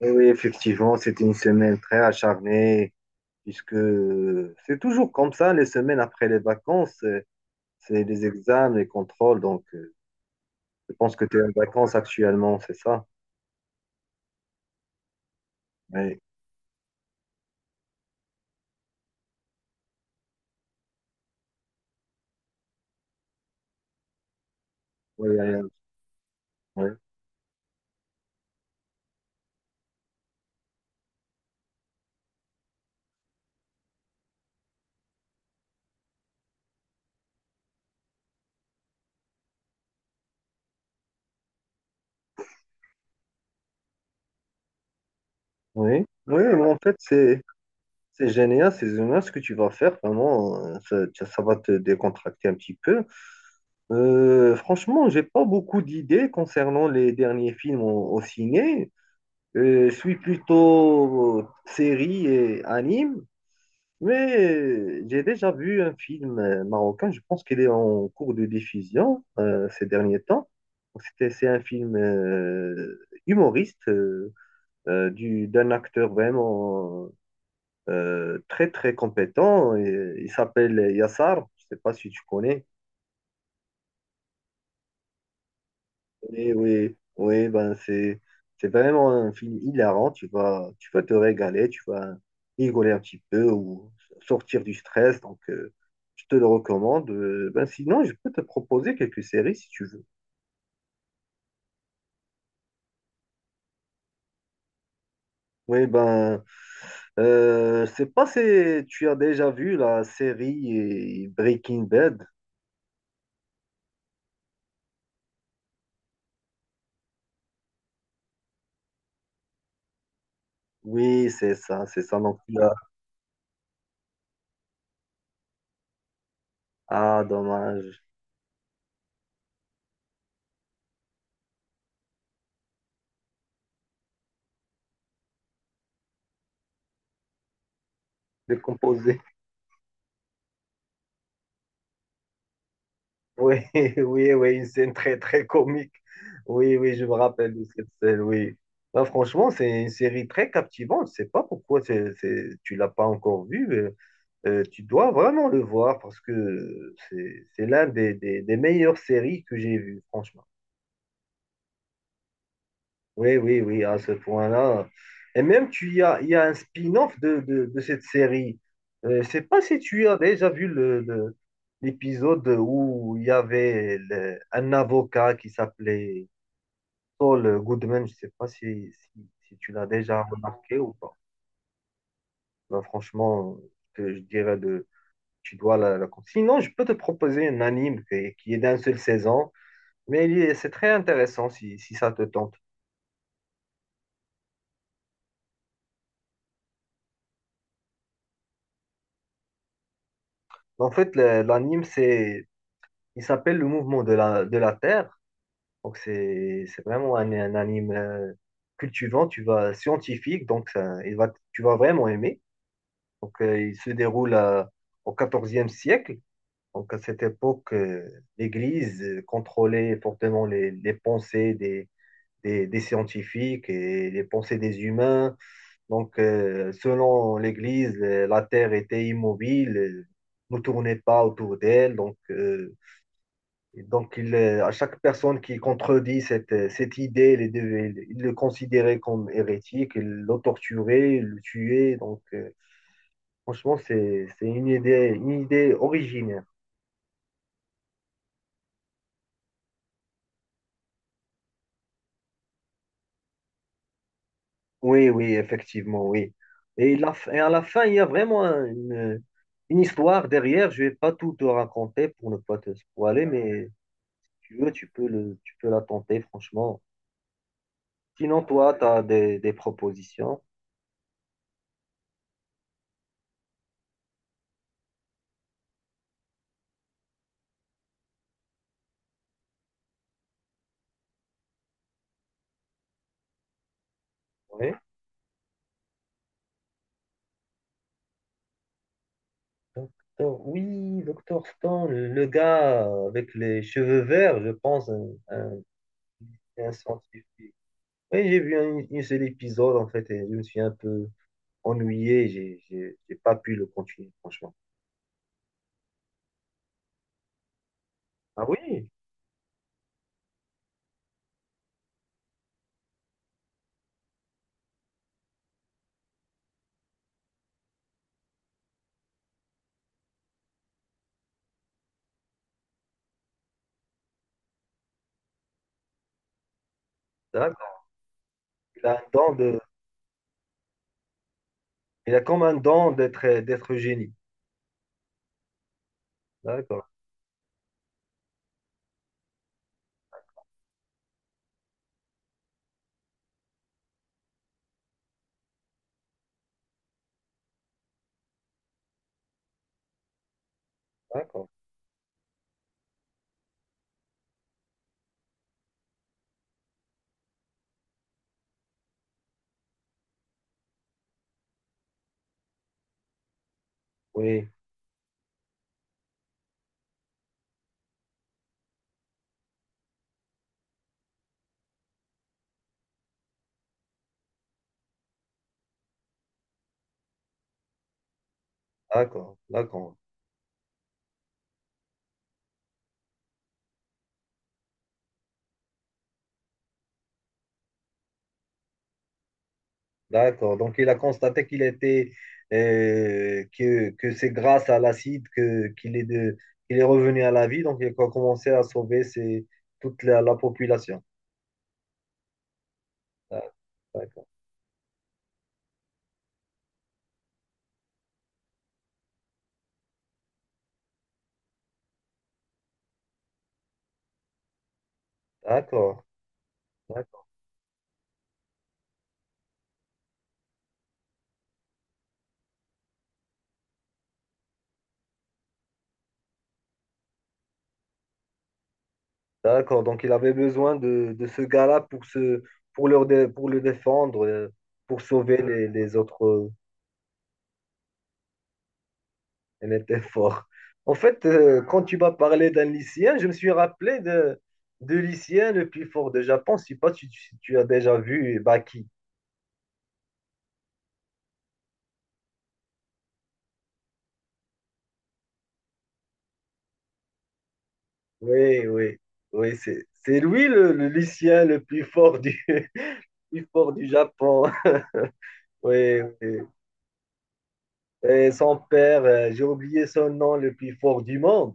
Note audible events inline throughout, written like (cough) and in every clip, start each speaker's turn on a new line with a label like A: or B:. A: Et oui, effectivement, c'était une semaine très acharnée, puisque c'est toujours comme ça, les semaines après les vacances, c'est les examens, les contrôles. Je pense que tu es en vacances actuellement, c'est ça? Oui, oui, oui. Oui, oui, oui, mais en fait, c'est génial, c'est génial ce que tu vas faire, vraiment, ça, ça va te décontracter un petit peu. Franchement, j'ai pas beaucoup d'idées concernant les derniers films au, au ciné. Je suis plutôt série et anime, mais j'ai déjà vu un film marocain, je pense qu'il est en cours de diffusion ces derniers temps. C'est un film humoriste d'un acteur vraiment très très compétent. Il s'appelle Yassar, je ne sais pas si tu connais. Oui, oui, oui, ben c'est vraiment un film hilarant. Tu vas te régaler, tu vas rigoler un petit peu ou sortir du stress. Je te le recommande. Ben sinon, je peux te proposer quelques séries si tu veux. Oui, ben, je sais pas si tu as déjà vu la série Breaking Bad. Oui, c'est ça, c'est ça. Ah, dommage, décomposé. Oui, (laughs) oui, oui, une scène très, très comique. Oui, oui, je me rappelle de cette scène, oui. Bah, franchement, c'est une série très captivante. Je sais pas pourquoi tu l'as pas encore vue, mais, tu dois vraiment le voir parce que c'est l'un des meilleures séries que j'ai vues, franchement. Oui, oui, oui, à ce point-là. Et même, il y a un spin-off de cette série. Je sais pas si tu as déjà vu l'épisode où il y avait un avocat qui s'appelait Saul Goodman. Je sais pas si tu l'as déjà remarqué ou pas. Ben, franchement, que je dirais de, tu dois la... Sinon, je peux te proposer un anime qui est d'un seul saison, mais c'est très intéressant si ça te tente. En fait, l'anime, c'est il s'appelle Le Mouvement de de la Terre. Donc, c'est vraiment un anime cultivant, tu vas, scientifique, il va, tu vas vraiment aimer. Donc, il se déroule à- Au quatorzième siècle. Donc, à cette époque, l'Église contrôlait fortement les pensées des scientifiques et les pensées des humains. Selon l'Église, la Terre était immobile, ne tournait pas autour d'elle. À chaque personne qui contredit cette, cette idée, il le considérait comme hérétique, il le torturait, il le tuait. Franchement, c'est une idée originaire. Oui, oui, effectivement, oui. Et, et à la fin, il y a vraiment une histoire derrière. Je vais pas tout te raconter pour ne pas te spoiler, mais tu veux, tu peux la tenter, franchement. Sinon, toi, tu as des propositions. Oui. Oui, Docteur Stone, le gars avec les cheveux verts, je pense, un scientifique. Oui, j'ai vu un seul épisode, en fait, et je me suis un peu ennuyé, j'ai pas pu le continuer, franchement. Ah oui, d'accord. Il a un don de, il a comme un don d'être génie. D'accord, d'accord. Oui, d'accord, d'accord. D'accord. Donc, il a constaté qu'il était que c'est grâce à l'acide que qu'il est de qu'il est revenu à la vie. Donc, il a commencé à sauver toute la population. D'accord. D'accord. D'accord. D'accord. D'accord. Donc, il avait besoin de ce gars-là pour le défendre, pour sauver les autres. Elle était fort. En fait, quand tu m'as parlé d'un lycéen, je me suis rappelé de lycéen le plus fort de Japon. Je ne sais pas si tu, si tu as déjà vu Baki. Oui, oui, oui, c'est lui le lycéen le plus fort du, (laughs) plus fort du Japon. (laughs) Oui, oui. Et son père, j'ai oublié son nom, le plus fort du monde,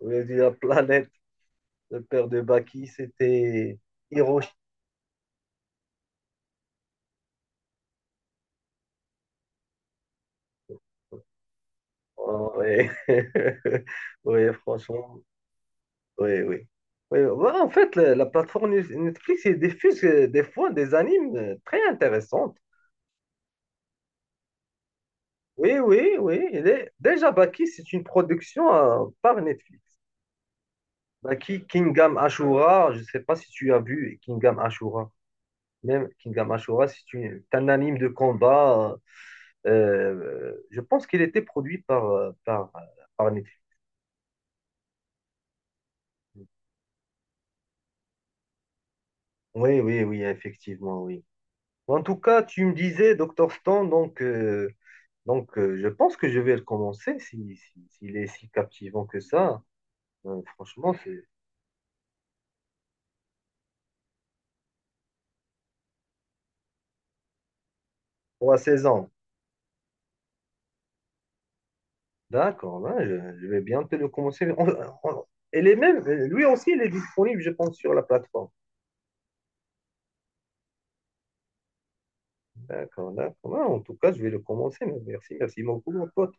A: oui, de la planète. Le père de Baki, c'était Hiroshi. Oh, oui. (laughs) Oui, franchement. Oui, oui. Oui, voilà en fait, Netflix, il diffuse des fois des animes très intéressantes. Oui, oui, oui. Il est... Déjà, Baki, c'est une production par Netflix. Baki, Kingdom Ashura, je ne sais pas si tu as vu Kingdom Ashura. Même Kingdom Ashura, c'est un anime de combat. euh, je pense qu'il était produit par Netflix. Oui, oui, oui, effectivement, oui. En tout cas, tu me disais, Dr. Stone, donc. Je pense que je vais le commencer s'il est si captivant que ça. Franchement, c'est pour à 16 ans. D'accord, hein, je vais bien te le commencer. On- Elle est même, lui aussi, il est disponible, je pense, sur la plateforme. D'accord, d'accord. Ah, en tout cas, je vais le commencer. Mais merci, merci beaucoup, mon pote.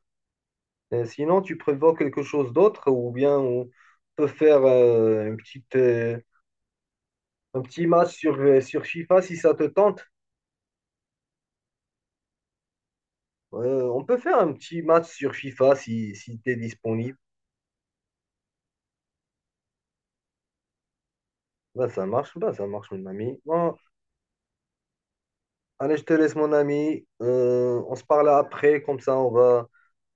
A: Sinon, tu prévois quelque chose d'autre ou bien on peut faire un petit match sur, sur FIFA si ça te tente. On peut faire un petit match sur FIFA si tu es disponible. Bah, ça marche, mon ami. Bon, allez, je te laisse, mon ami. On se parle après, comme ça, on va,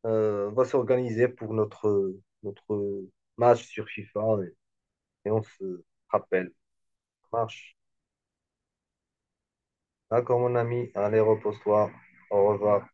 A: euh, on va s'organiser pour notre, notre match sur FIFA et on se rappelle. Ça marche. D'accord, mon ami. Allez, repose-toi. Au revoir.